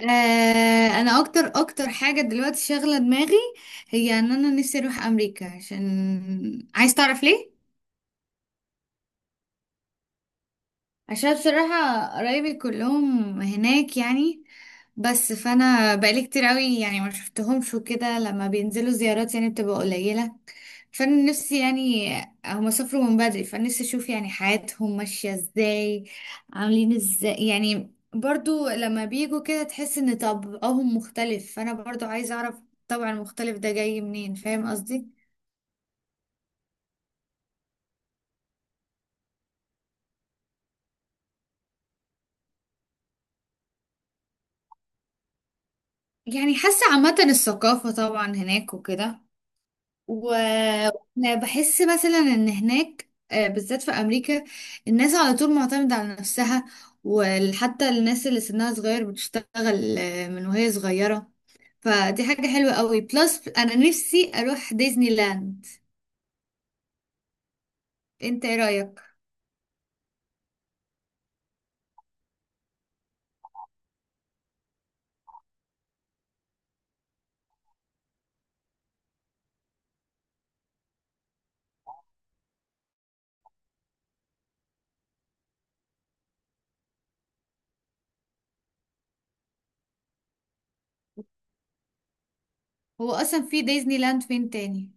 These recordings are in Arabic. آه، انا اكتر حاجه دلوقتي شاغله دماغي، هي انا نفسي اروح امريكا، عشان عايز تعرف ليه. عشان بصراحة قرايبي كلهم هناك يعني، بس فانا بقالي كتير قوي يعني ما شفتهمش وكده، لما بينزلوا زيارات يعني بتبقى قليلة. فانا نفسي يعني، هما سافروا من بدري، فانا نفسي اشوف يعني حياتهم ماشية ازاي، عاملين ازاي. يعني برضو لما بيجوا كده تحس ان طبعهم مختلف، فانا برضو عايزة اعرف الطبع المختلف ده جاي منين، فاهم قصدي. يعني حاسة عامة الثقافة طبعا هناك وكده، وانا بحس مثلا ان هناك، بالذات في امريكا، الناس على طول معتمدة على نفسها، وحتى الناس اللي سنها صغير بتشتغل، من وهي صغيرة. فدي حاجة حلوة قوي، بلس انا نفسي اروح ديزني لاند. انت ايه رأيك؟ هو اصلا في ديزني لاند فين تاني؟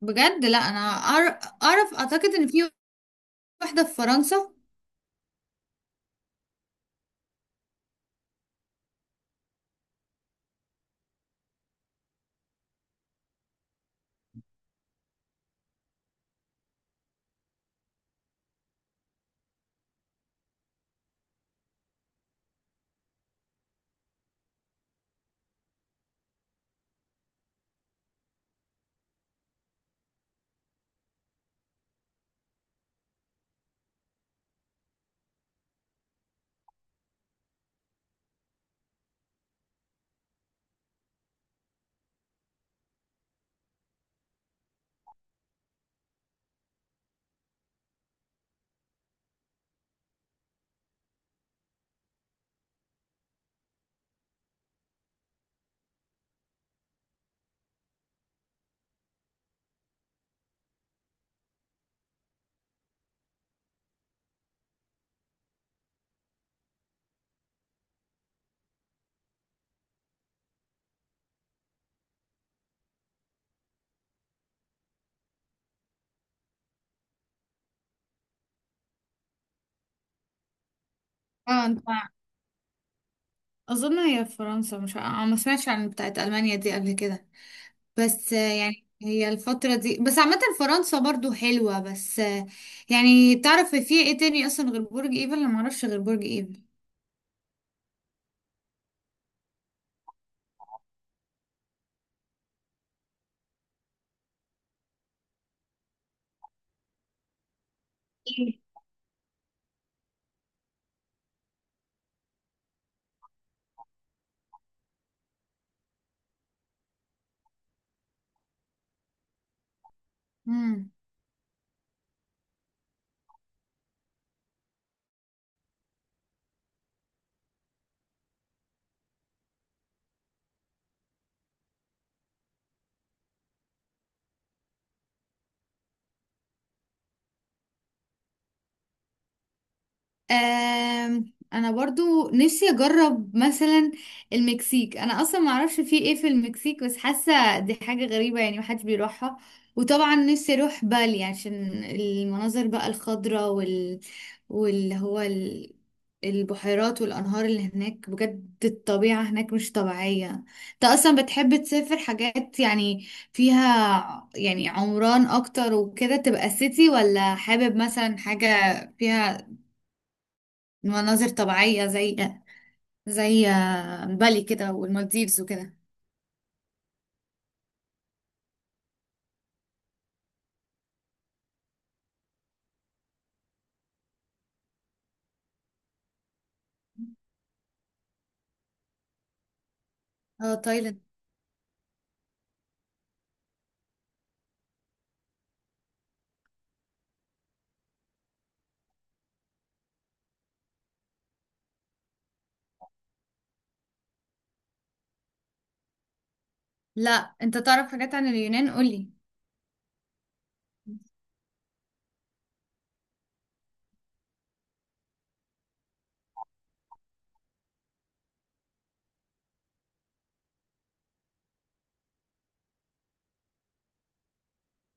بجد لا، انا اعرف، اعتقد ان في واحدة في فرنسا. اه انت، اظن هي في فرنسا، مش ما سمعتش عن بتاعت المانيا دي قبل كده. بس يعني هي الفترة دي بس، عامة فرنسا برضو حلوة بس، يعني تعرف في ايه تاني اصلا غير برج ايفل؟ انا معرفش غير برج ايفل. إيه؟ مم. انا برضو نفسي اجرب مثلا المكسيك، انا اصلا ما اعرفش في ايه في المكسيك، بس حاسه دي حاجه غريبه يعني محدش بيروحها. وطبعا نفسي اروح بالي، عشان المناظر بقى الخضراء وال، واللي هو ال... البحيرات والانهار اللي هناك، بجد الطبيعه هناك مش طبيعيه. انت اصلا بتحب تسافر حاجات يعني فيها يعني عمران اكتر وكده تبقى سيتي، ولا حابب مثلا حاجه فيها مناظر طبيعية زي زي، بالي كده والمالديفز وكده؟ اه تايلاند. لا، انت تعرف حاجات عن اليونان؟ قولي.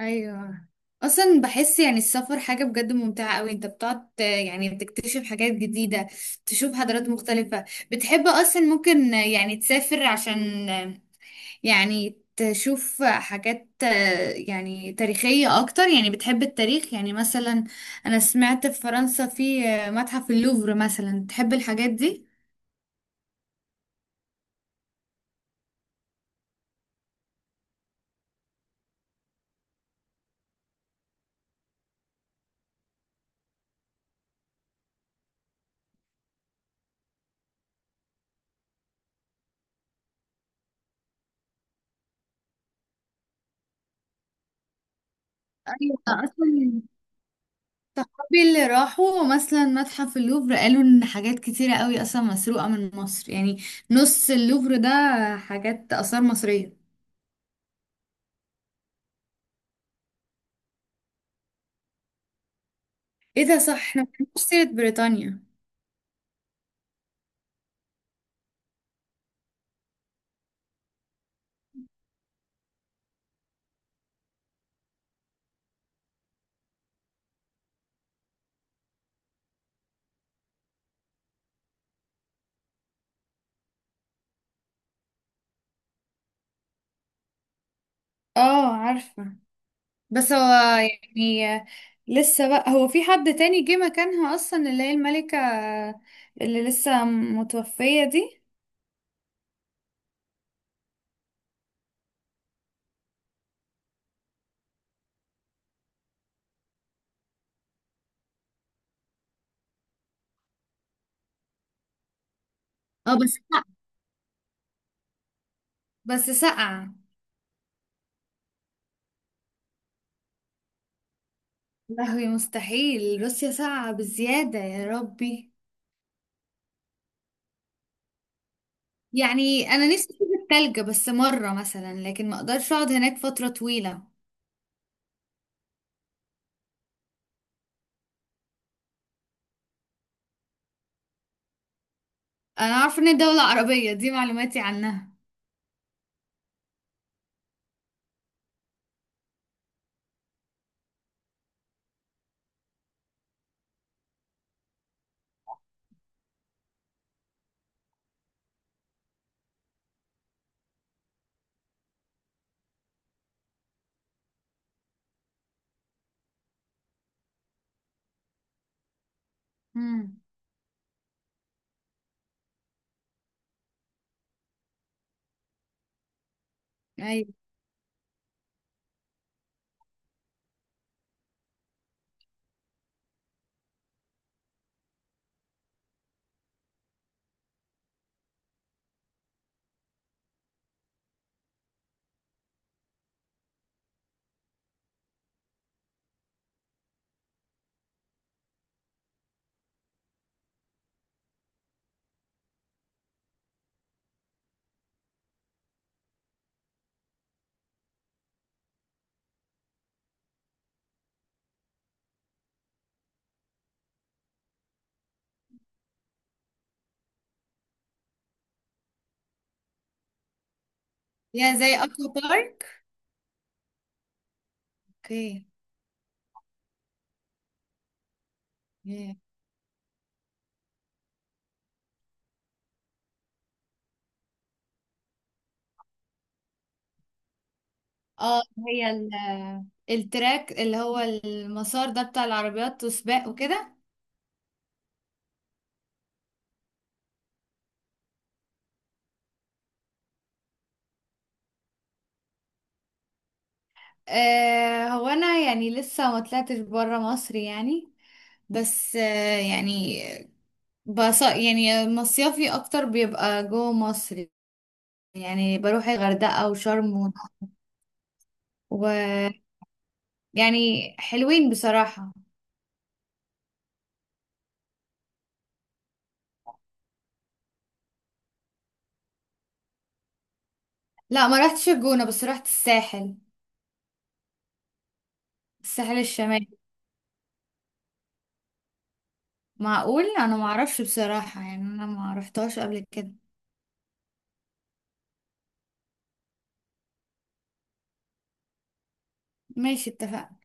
ايوه. اصلا بحس يعني السفر حاجة بجد ممتعة قوي، انت بتقعد يعني بتكتشف حاجات جديدة، تشوف حضارات مختلفة. بتحب اصلا ممكن يعني تسافر عشان يعني تشوف حاجات يعني تاريخية اكتر؟ يعني بتحب التاريخ يعني؟ مثلا انا سمعت في فرنسا في، متحف اللوفر مثلا، تحب الحاجات دي؟ ايوه، اصلا صحابي اللي راحوا مثلا متحف اللوفر قالوا ان حاجات كتيره قوي اصلا مسروقه من مصر يعني. نص اللوفر ده حاجات اثار مصريه. ايه ده؟ صح، احنا ما بنعرفش سيره بريطانيا. اه عارفه. بس هو يعني، لسه بقى هو في حد تاني جه مكانها اصلا اللي هي الملكه اللي لسه متوفيه دي؟ اه بس ساقعة. بس ساقعه. لهوي مستحيل، روسيا ساقعه بزياده، يا ربي. يعني انا نفسي اشوف التلج بس مره مثلا، لكن ما اقدرش اقعد هناك فتره طويله. انا عارفه ان الدوله عربيه، دي معلوماتي عنها. امم. ايوه. يا، زي اكوا بارك. اوكي. يا. اه، هي التراك اللي هو المسار ده بتاع العربيات وسباق وكده. آه، هو انا يعني لسه ما طلعتش بره مصر يعني، بس آه يعني، بص يعني مصيفي اكتر بيبقى جوه مصر، يعني بروح الغردقة وشرم، ويعني حلوين بصراحة. لا، ما رحتش الجونة بس رحت الساحل، الساحل الشمالي. معقول، انا ما اعرفش بصراحة يعني، انا ما رحتهاش قبل كده. ماشي، اتفقنا.